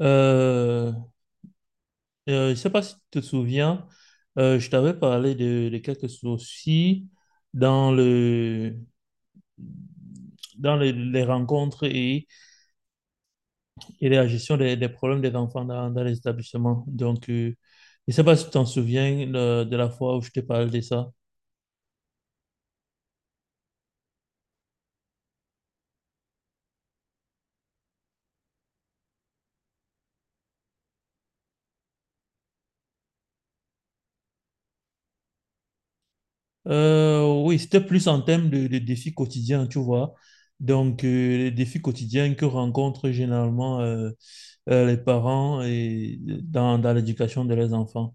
Euh, je sais pas si tu te souviens, je t'avais parlé de quelques soucis dans le, dans les rencontres et la gestion des problèmes des enfants dans les établissements. Donc, je sais pas si tu t'en souviens de la fois où je t'ai parlé de ça. Oui, c'était plus en termes de défis quotidiens, tu vois. Donc, les défis quotidiens que rencontrent généralement les parents et dans l'éducation de leurs enfants.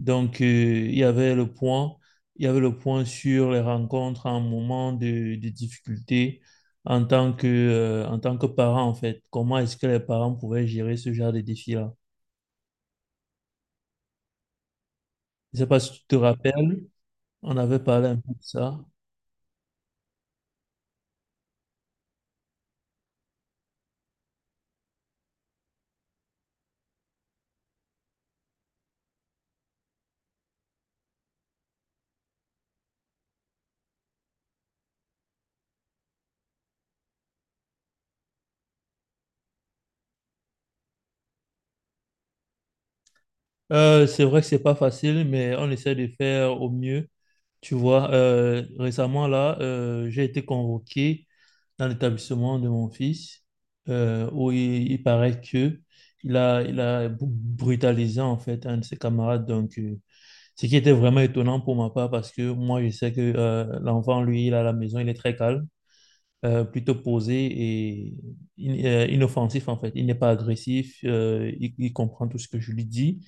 Donc, il y avait le point, il y avait le point sur les rencontres en moment de difficulté en tant que parent, en fait. Comment est-ce que les parents pouvaient gérer ce genre de défi-là? Je ne sais pas si tu te rappelles, on avait parlé un peu de ça. C'est vrai que c'est pas facile, mais on essaie de faire au mieux. Tu vois, récemment, là, j'ai été convoqué dans l'établissement de mon fils, où il paraît que brutalisé en fait un de ses camarades. Donc, ce qui était vraiment étonnant pour ma part parce que moi, je sais que l'enfant, lui, il est à la maison, il est très calme, plutôt posé et inoffensif en fait. Il n'est pas agressif, il comprend tout ce que je lui dis.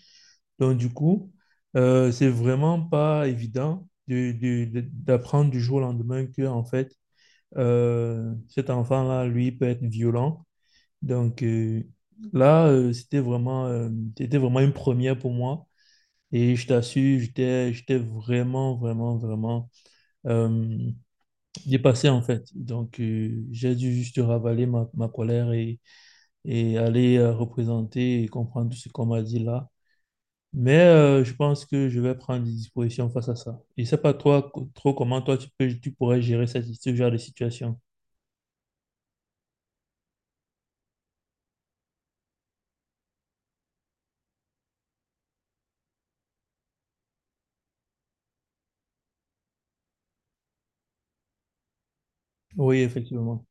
Donc, du coup, c'est vraiment pas évident d'apprendre du jour au lendemain que en fait, cet enfant-là, lui, peut être violent. Donc euh, là, c'était vraiment une première pour moi. Et je t'assure, j'étais vraiment, vraiment, vraiment euh, dépassé en fait. Donc j'ai dû juste ravaler ma colère et aller représenter et comprendre tout ce qu'on m'a dit là. Mais je pense que je vais prendre des dispositions face à ça. Je ne sais pas toi, co- trop comment toi tu pourrais gérer ce genre de situation. Oui, effectivement.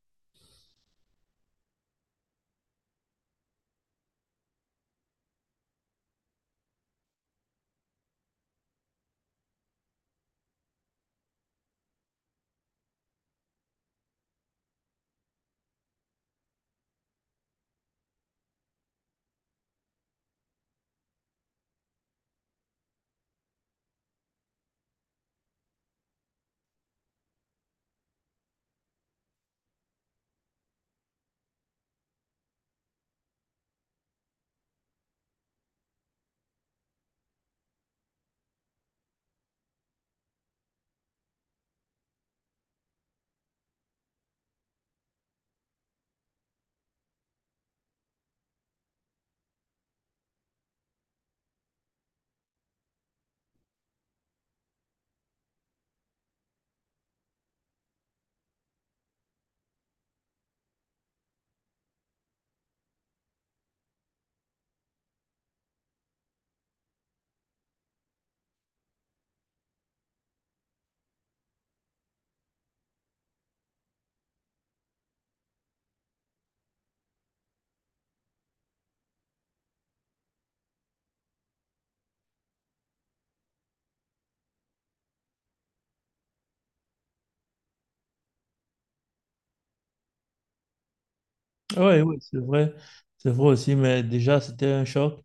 Oui, oui, c'est vrai. C'est vrai aussi, mais déjà, c'était un choc,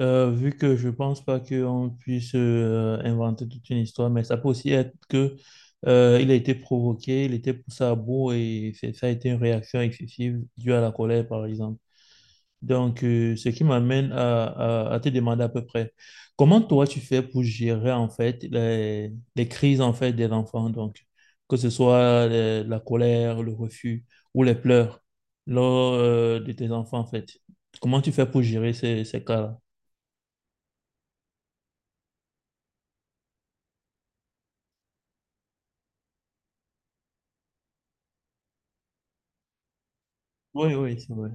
vu que je pense pas qu'on puisse inventer toute une histoire, mais ça peut aussi être que il a été provoqué, il était poussé à bout et ça a été une réaction excessive due à la colère, par exemple. Donc, ce qui m'amène à te demander à peu près, comment toi tu fais pour gérer en fait les crises en fait des enfants, donc que ce soit la colère, le refus ou les pleurs lors de tes enfants en fait. Comment tu fais pour gérer ces cas-là? Oui, oui, c'est vrai.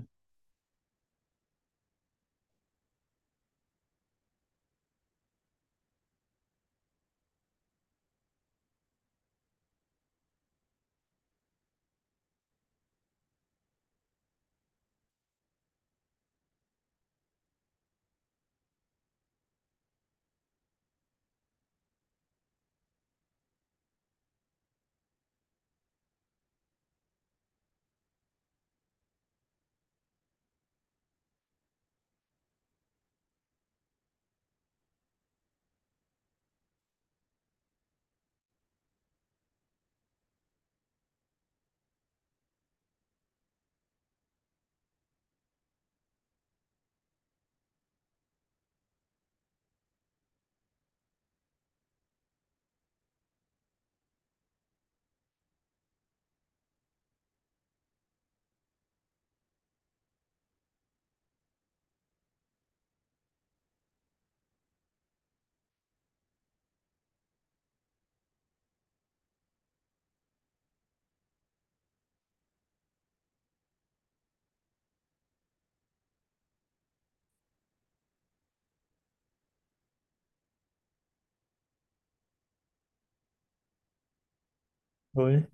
Oui,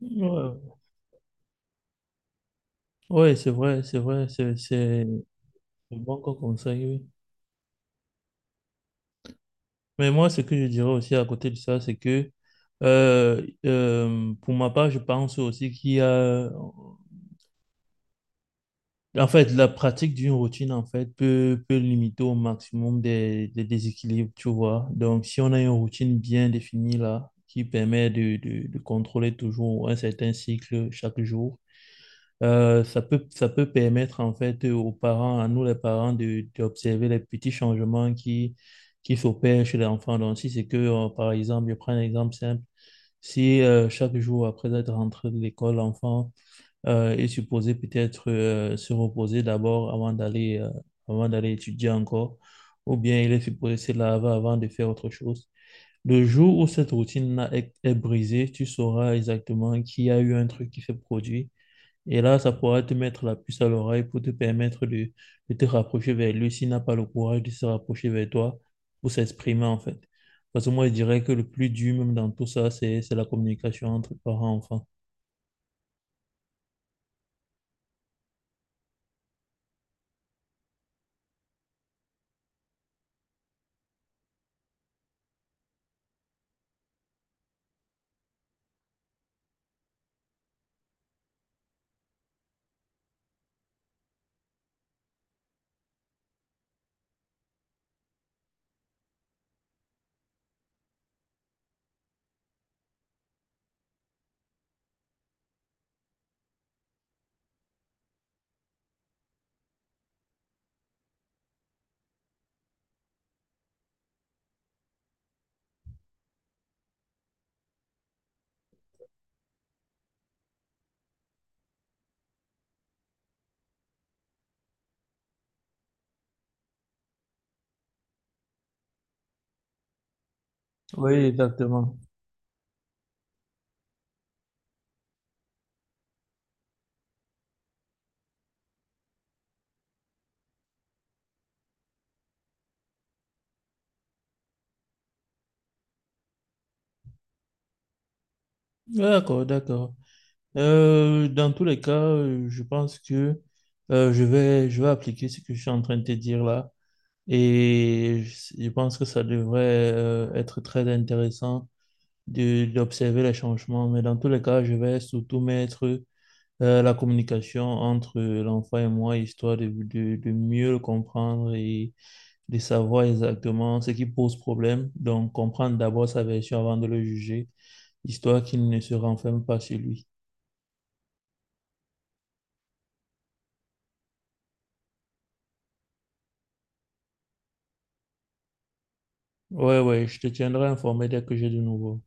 oui, oui, c'est vrai, c'est vrai, c'est bon comme conseil, oui. Mais moi, ce que je dirais aussi à côté de ça, c'est que pour ma part, je pense aussi qu'il y a... En fait, la pratique d'une routine, en fait, peut limiter au maximum des déséquilibres, tu vois. Donc, si on a une routine bien définie là, qui permet de contrôler toujours un certain cycle chaque jour, ça peut permettre en fait aux parents, à nous les parents, de, d'observer les petits changements qui s'opèrent chez l'enfant. Donc, si c'est que, par exemple, je prends un exemple simple, si chaque jour après être rentré de l'école, l'enfant est supposé peut-être se reposer d'abord avant d'aller étudier encore, ou bien il est supposé se laver avant de faire autre chose. Le jour où cette routine est brisée, tu sauras exactement qu'il y a eu un truc qui s'est produit et là, ça pourra te mettre la puce à l'oreille pour te permettre de te rapprocher vers lui s'il n'a pas le courage de se rapprocher vers toi pour s'exprimer, en fait. Parce que moi, je dirais que le plus dur, même dans tout ça, c'est la communication entre parents et enfants. Oui, exactement. D'accord, d'accord. Dans tous les cas, je pense que je vais appliquer ce que je suis en train de te dire là. Et je pense que ça devrait être très intéressant d'observer les changements. Mais dans tous les cas, je vais surtout mettre la communication entre l'enfant et moi, histoire de mieux le comprendre et de savoir exactement ce qui pose problème. Donc, comprendre d'abord sa version avant de le juger, histoire qu'il ne se renferme pas sur lui. Ouais, ouais, je te tiendrai informé dès que j'ai du nouveau.